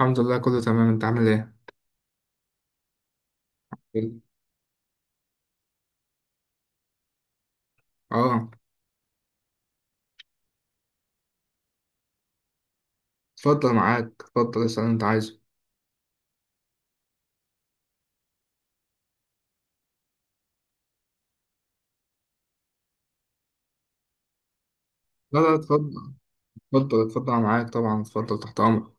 الحمد لله كله تمام، انت عامل ايه؟ حلو. اه، اتفضل معاك، اتفضل اسأل اللي انت عايزه. لا لا، اتفضل اتفضل اتفضل، أنا معاك طبعا، اتفضل تحت امرك.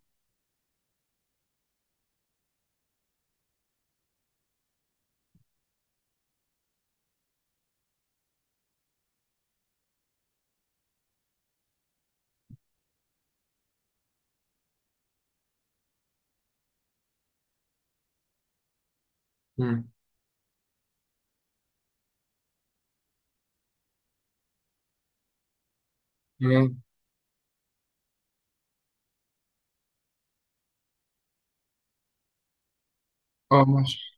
مم. تمام. اه، ماشي.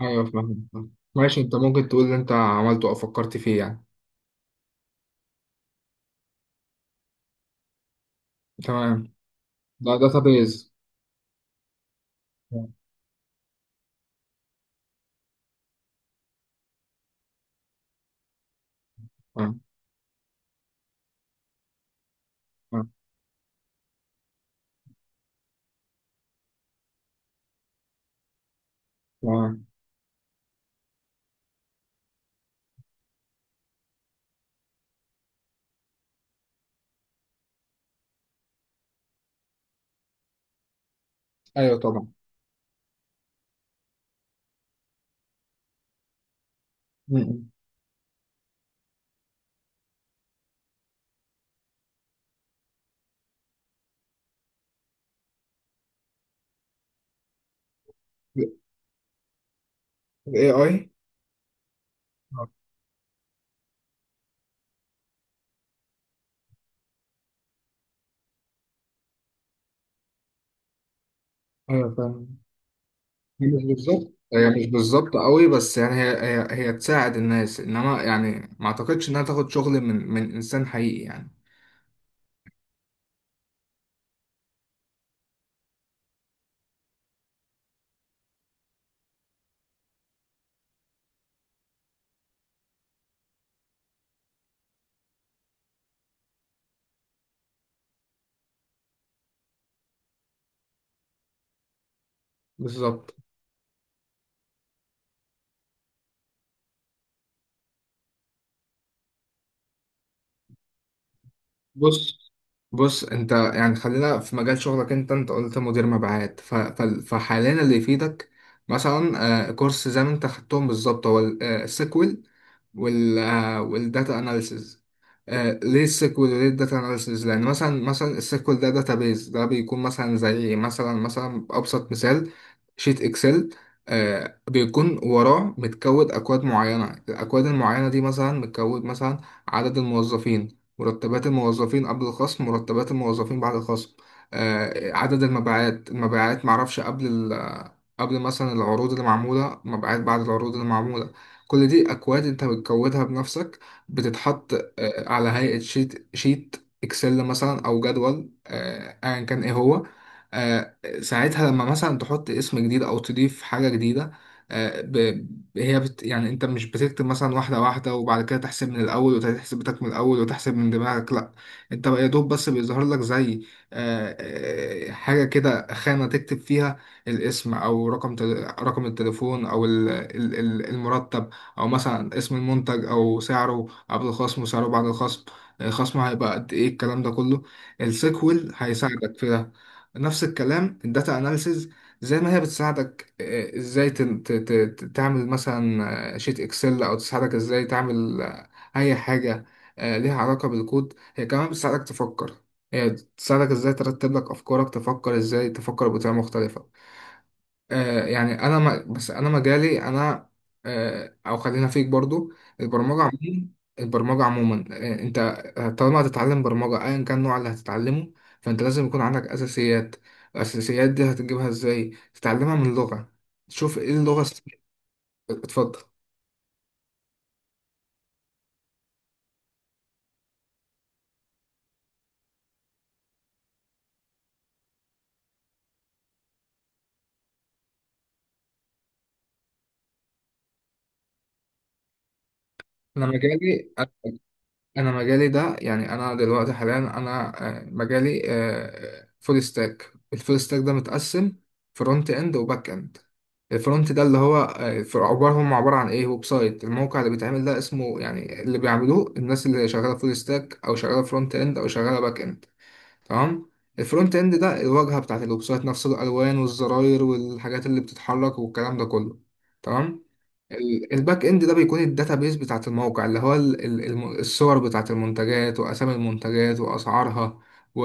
ايوه فاهم فاهم. ماشي، انت ممكن تقول اللي انت عملته او فكرت فيه يعني. تمام. ده داتابيز. تمام تمام تمام. ايوه طبعا. مم. ال AI. اه. ايوه فاهم. هي مش بالظبط، هي مش بالظبط قوي، بس يعني هي تساعد الناس، انما يعني ما اعتقدش انها تاخد شغل من انسان حقيقي يعني. بالظبط. بص بص، انت يعني خلينا في مجال شغلك، انت قلت مدير مبيعات، فحاليا اللي يفيدك مثلا كورس زي ما انت خدتهم بالظبط هو السيكوال والداتا اناليسز. ليه السيكوال وليه الداتا اناليسز؟ لان مثلا السيكوال ده داتابيز، ده بيكون مثلا زي مثلا ابسط مثال شيت اكسل. بيكون وراه متكود اكواد معينه، الاكواد المعينه دي مثلا متكود مثلا عدد الموظفين، مرتبات الموظفين قبل الخصم، مرتبات الموظفين بعد الخصم، عدد المبيعات، معرفش قبل ال آه، قبل مثلا العروض اللي معموله، مبيعات بعد العروض اللي معموله. كل دي اكواد انت بتكودها بنفسك، بتتحط على هيئة شيت اكسل مثلا، او جدول ايا كان ايه هو. آه، ساعتها لما مثلا تحط اسم جديد او تضيف حاجة جديدة، آه، ب- هي بت يعني انت مش بتكتب مثلا واحدة واحدة وبعد كده تحسب من الاول، وتحسب بتاعك من الاول، وتحسب من دماغك، لا. انت يا دوب بس بيظهر لك زي آه، حاجة كده، خانة تكتب فيها الاسم، او رقم التليفون، او المرتب، او مثلا اسم المنتج او سعره قبل الخصم وسعره بعد الخصم، خصمه هيبقى قد ايه، الكلام ده كله السيكوال هيساعدك في ده. نفس الكلام الداتا اناليسز، زي ما هي بتساعدك ازاي تعمل مثلا شيت اكسل، او تساعدك ازاي تعمل اي حاجة ليها علاقة بالكود، هي كمان بتساعدك تفكر، هي بتساعدك ازاي ترتب لك افكارك، تفكر ازاي، تفكر بطريقة مختلفة. يعني انا ما بس انا مجالي انا او خلينا فيك برضو. البرمجه عموما، انت طالما هتتعلم برمجه ايا كان النوع اللي هتتعلمه، فانت لازم يكون عندك اساسيات. الاساسيات دي هتجيبها ازاي؟ تتعلمها من لغه، تشوف ايه اللغه اتفضل. انا مجالي انا مجالي ده يعني انا دلوقتي حاليا انا مجالي فول ستاك. الفول ستاك ده متقسم فرونت اند وباك اند. الفرونت ده اللي هو في عباره هم عباره عن ايه؟ ويب سايت، الموقع اللي بيتعمل ده اسمه يعني، اللي بيعملوه الناس اللي شغاله فول ستاك او شغاله فرونت اند او شغاله باك اند. تمام. الفرونت اند ده الواجهه بتاعت الويب سايت نفسه، الالوان والزراير والحاجات اللي بتتحرك والكلام ده كله. تمام. الباك اند ده بيكون الداتابيز بتاعت الموقع، اللي هو الصور بتاعت المنتجات واسامي المنتجات واسعارها و...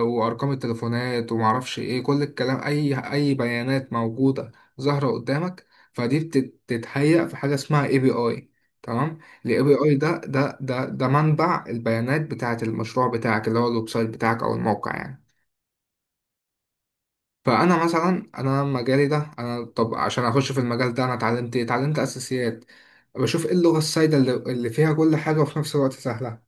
وارقام التليفونات ومعرفش ايه، كل الكلام، اي بيانات موجوده ظاهره قدامك. فدي بتتهيأ في حاجه اسمها اي بي اي. تمام. الاي بي اي ده منبع البيانات بتاعت المشروع بتاعك، اللي هو الويب سايت بتاعك او الموقع يعني. فانا مثلا انا مجالي ده، انا طب عشان اخش في المجال ده انا اتعلمت ايه؟ اتعلمت اساسيات. بشوف ايه اللغه السائده اللي فيها كل حاجه وفي نفس الوقت سهله.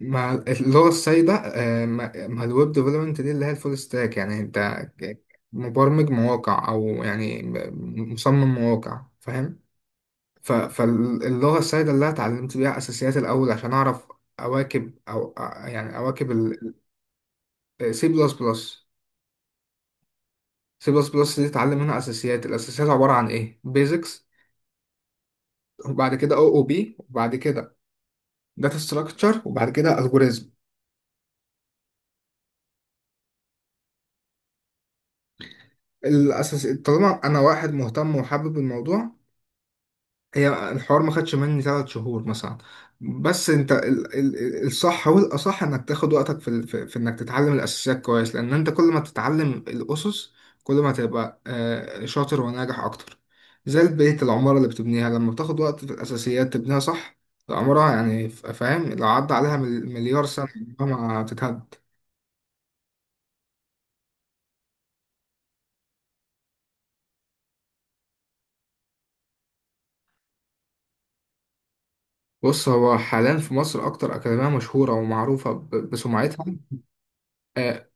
ما اللغه السائده ما الويب ديفلوبمنت دي اللي هي الفول ستاك، يعني انت ك- مبرمج مواقع او يعني مصمم مواقع فاهم. فاللغه السائده اللي أنا اتعلمت بيها اساسيات الاول عشان اعرف اواكب، او يعني اواكب السي بلس بلس. سي بلس بلس دي تتعلم منها اساسيات، الاساسيات عباره عن ايه؟ بيزكس، وبعد كده او او بي، وبعد كده داتا ستراكشر، وبعد كده الجوريزم. الاساس طالما انا واحد مهتم وحابب الموضوع، هي الحوار ما خدش مني 3 شهور مثلا، بس انت الصح والاصح انك تاخد وقتك في انك تتعلم الاساسيات كويس، لان انت كل ما تتعلم الاسس كل ما تبقى شاطر وناجح اكتر. زي البيت، العمارة اللي بتبنيها لما بتاخد وقت في الاساسيات تبنيها صح، العمارة يعني، فاهم، لو عدى عليها مليار سنة عمرها ما هتتهد. بص هو حاليا في مصر اكتر اكاديمية مشهورة ومعروفة بسمعتها. آه،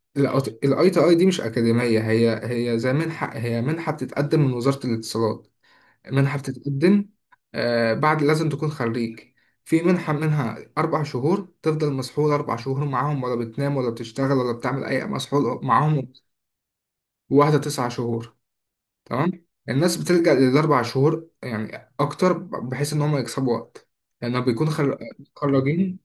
الاي تي اي دي مش اكاديميه هي، هي زي منحه، هي منحه بتتقدم من وزاره الاتصالات، منحه بتتقدم بعد لازم تكون خريج. في منحه منها 4 شهور، تفضل مسحول 4 شهور معاهم ولا بتنام ولا بتشتغل ولا بتعمل اي مسحول معاهم، واحده 9 شهور. تمام. الناس بتلجأ للـ4 شهور يعني اكتر بحيث ان هم يكسبوا وقت، لانه بيكون متخرجين.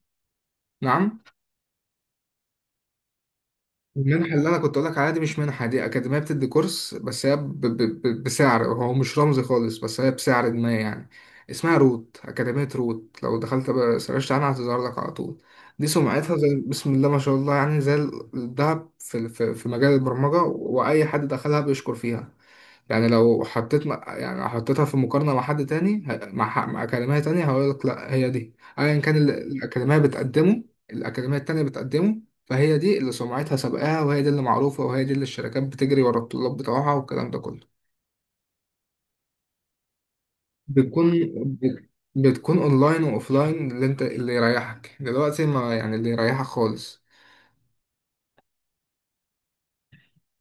المنحة اللي أنا كنت أقول لك عليها دي مش منحة، دي أكاديمية بتدي كورس بس، هي بسعر هو مش رمزي خالص، بس هي بسعر ما يعني. اسمها روت، أكاديمية روت، لو دخلت بقى سرشت عنها هتظهر لك على طول. دي سمعتها زي بسم الله ما شاء الله يعني، زي الذهب في مجال البرمجة، وأي حد دخلها بيشكر فيها. يعني لو حطيت يعني لو حطيتها في مقارنة مع حد تاني مع أكاديمية تانية، هقول لك لا هي دي أيا كان اللي الأكاديمية بتقدمه، الأكاديمية التانية بتقدمه، فهي دي اللي سمعتها سابقاها، وهي دي اللي معروفة، وهي دي اللي الشركات بتجري ورا الطلاب بتوعها والكلام ده كله. بتكون بت- بتكون أونلاين وأوفلاين، اللي أنت اللي يريحك، دلوقتي ما يعني اللي يريحك خالص.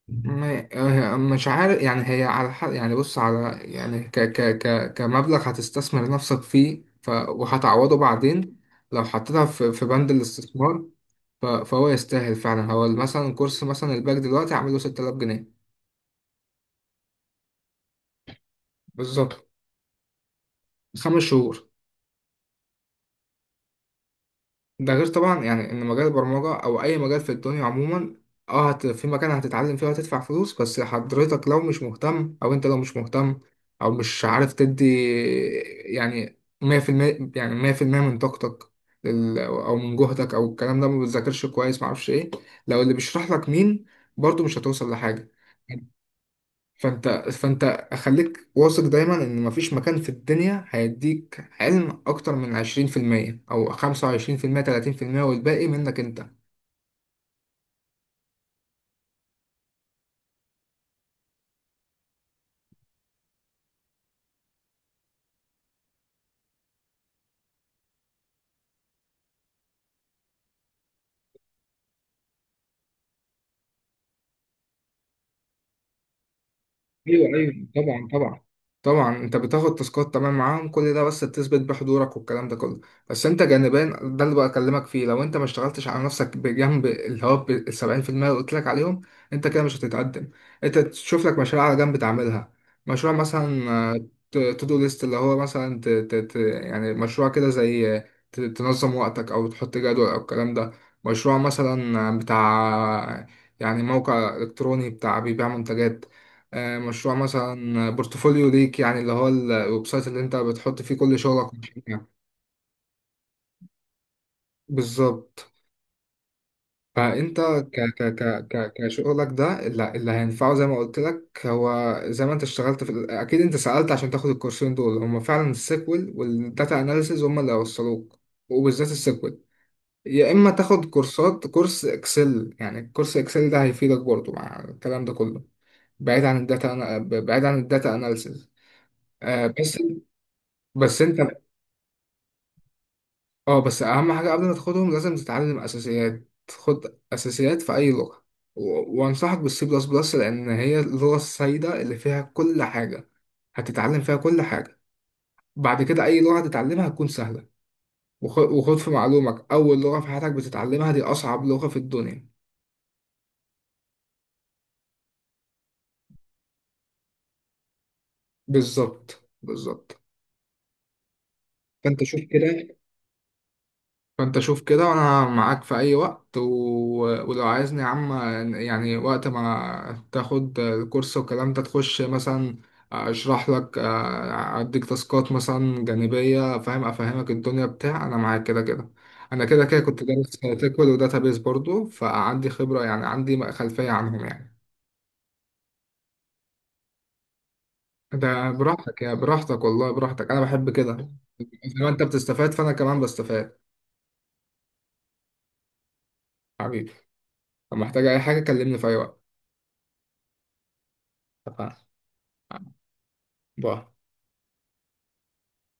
ما- مش عارف يعني، هي على حق يعني، بص على يعني ك ك ك كمبلغ هتستثمر نفسك فيه، وهتعوضه بعدين لو حطيتها في بند الاستثمار، فهو يستاهل فعلا. هو مثلا كورس مثلا الباك دلوقتي عامله 6000 جنيه. بالظبط. 5 شهور. ده غير طبعا يعني ان مجال البرمجه او اي مجال في الدنيا عموما، اه في مكان هتتعلم فيه وهتدفع فلوس، بس حضرتك لو مش مهتم او انت لو مش مهتم او مش عارف تدي يعني 100%، يعني 100% من طاقتك او من جهدك او الكلام ده، ما بتذاكرش كويس، ما اعرفش ايه، لو اللي بيشرح لك مين، برضو مش هتوصل لحاجه. فانت خليك واثق دايما ان مفيش مكان في الدنيا هيديك علم اكتر من 20% او 25% 30%، والباقي منك انت. ايوه ايوه طبعا طبعا طبعا. انت بتاخد تاسكات تمام معاهم كل ده، بس تثبت بحضورك والكلام ده كله، بس انت جانبيا ده اللي بكلمك فيه، لو انت ما اشتغلتش على نفسك بجنب اللي هو ال 70%، اللي قلت لك عليهم، انت كده مش هتتقدم. انت تشوف لك مشاريع على جنب تعملها، مشروع مثلا تو دو ليست، اللي هو مثلا ت ت ت يعني مشروع كده زي تنظم وقتك، او تحط جدول او الكلام ده. مشروع مثلا بتاع يعني موقع الكتروني بتاع بيبيع منتجات، مشروع مثلا بورتفوليو ليك يعني اللي هو الويب سايت اللي انت بتحط فيه كل شغلك وكده. بالظبط. فانت ك ك ك ك كشغلك ده اللي هينفعه زي ما قلت لك، هو زي ما انت اشتغلت في اكيد انت سألت عشان تاخد الكورسين دول، هم فعلا السيكوال والداتا اناليسيز هم اللي هيوصلوك، وبالذات السيكوال. يا اما تاخد كورس اكسل، يعني كورس اكسل ده هيفيدك برضه مع الكلام ده كله. بعيد عن الداتا اناليسيز. بس، بس انت، اه بس اهم حاجه قبل ما تاخدهم لازم تتعلم اساسيات، خد اساسيات في اي لغه، وانصحك بالسي بلس بلس لان هي اللغه السائده اللي فيها كل حاجه، هتتعلم فيها كل حاجه، بعد كده اي لغه هتتعلمها هتكون سهله. وخد في معلومك اول لغه في حياتك بتتعلمها دي اصعب لغه في الدنيا. بالظبط بالظبط. فانت شوف كده، فانت شوف كده، وانا معاك في اي وقت ولو عايزني يا عم، يعني وقت ما تاخد الكورس والكلام ده تخش مثلا اشرح لك اديك تاسكات مثلا جانبية فاهم، افهمك الدنيا بتاع، انا معاك كده كده، انا كده كده كنت دارس تكوين وداتابيس برضو، فعندي خبرة، يعني عندي خلفية عنهم يعني. ده براحتك يا براحتك، والله براحتك، انا بحب كده، زي ما انت بتستفاد فانا كمان بستفاد. حبيبي، لو محتاج اي حاجة كلمني في اي وقت. اتفقنا. باي.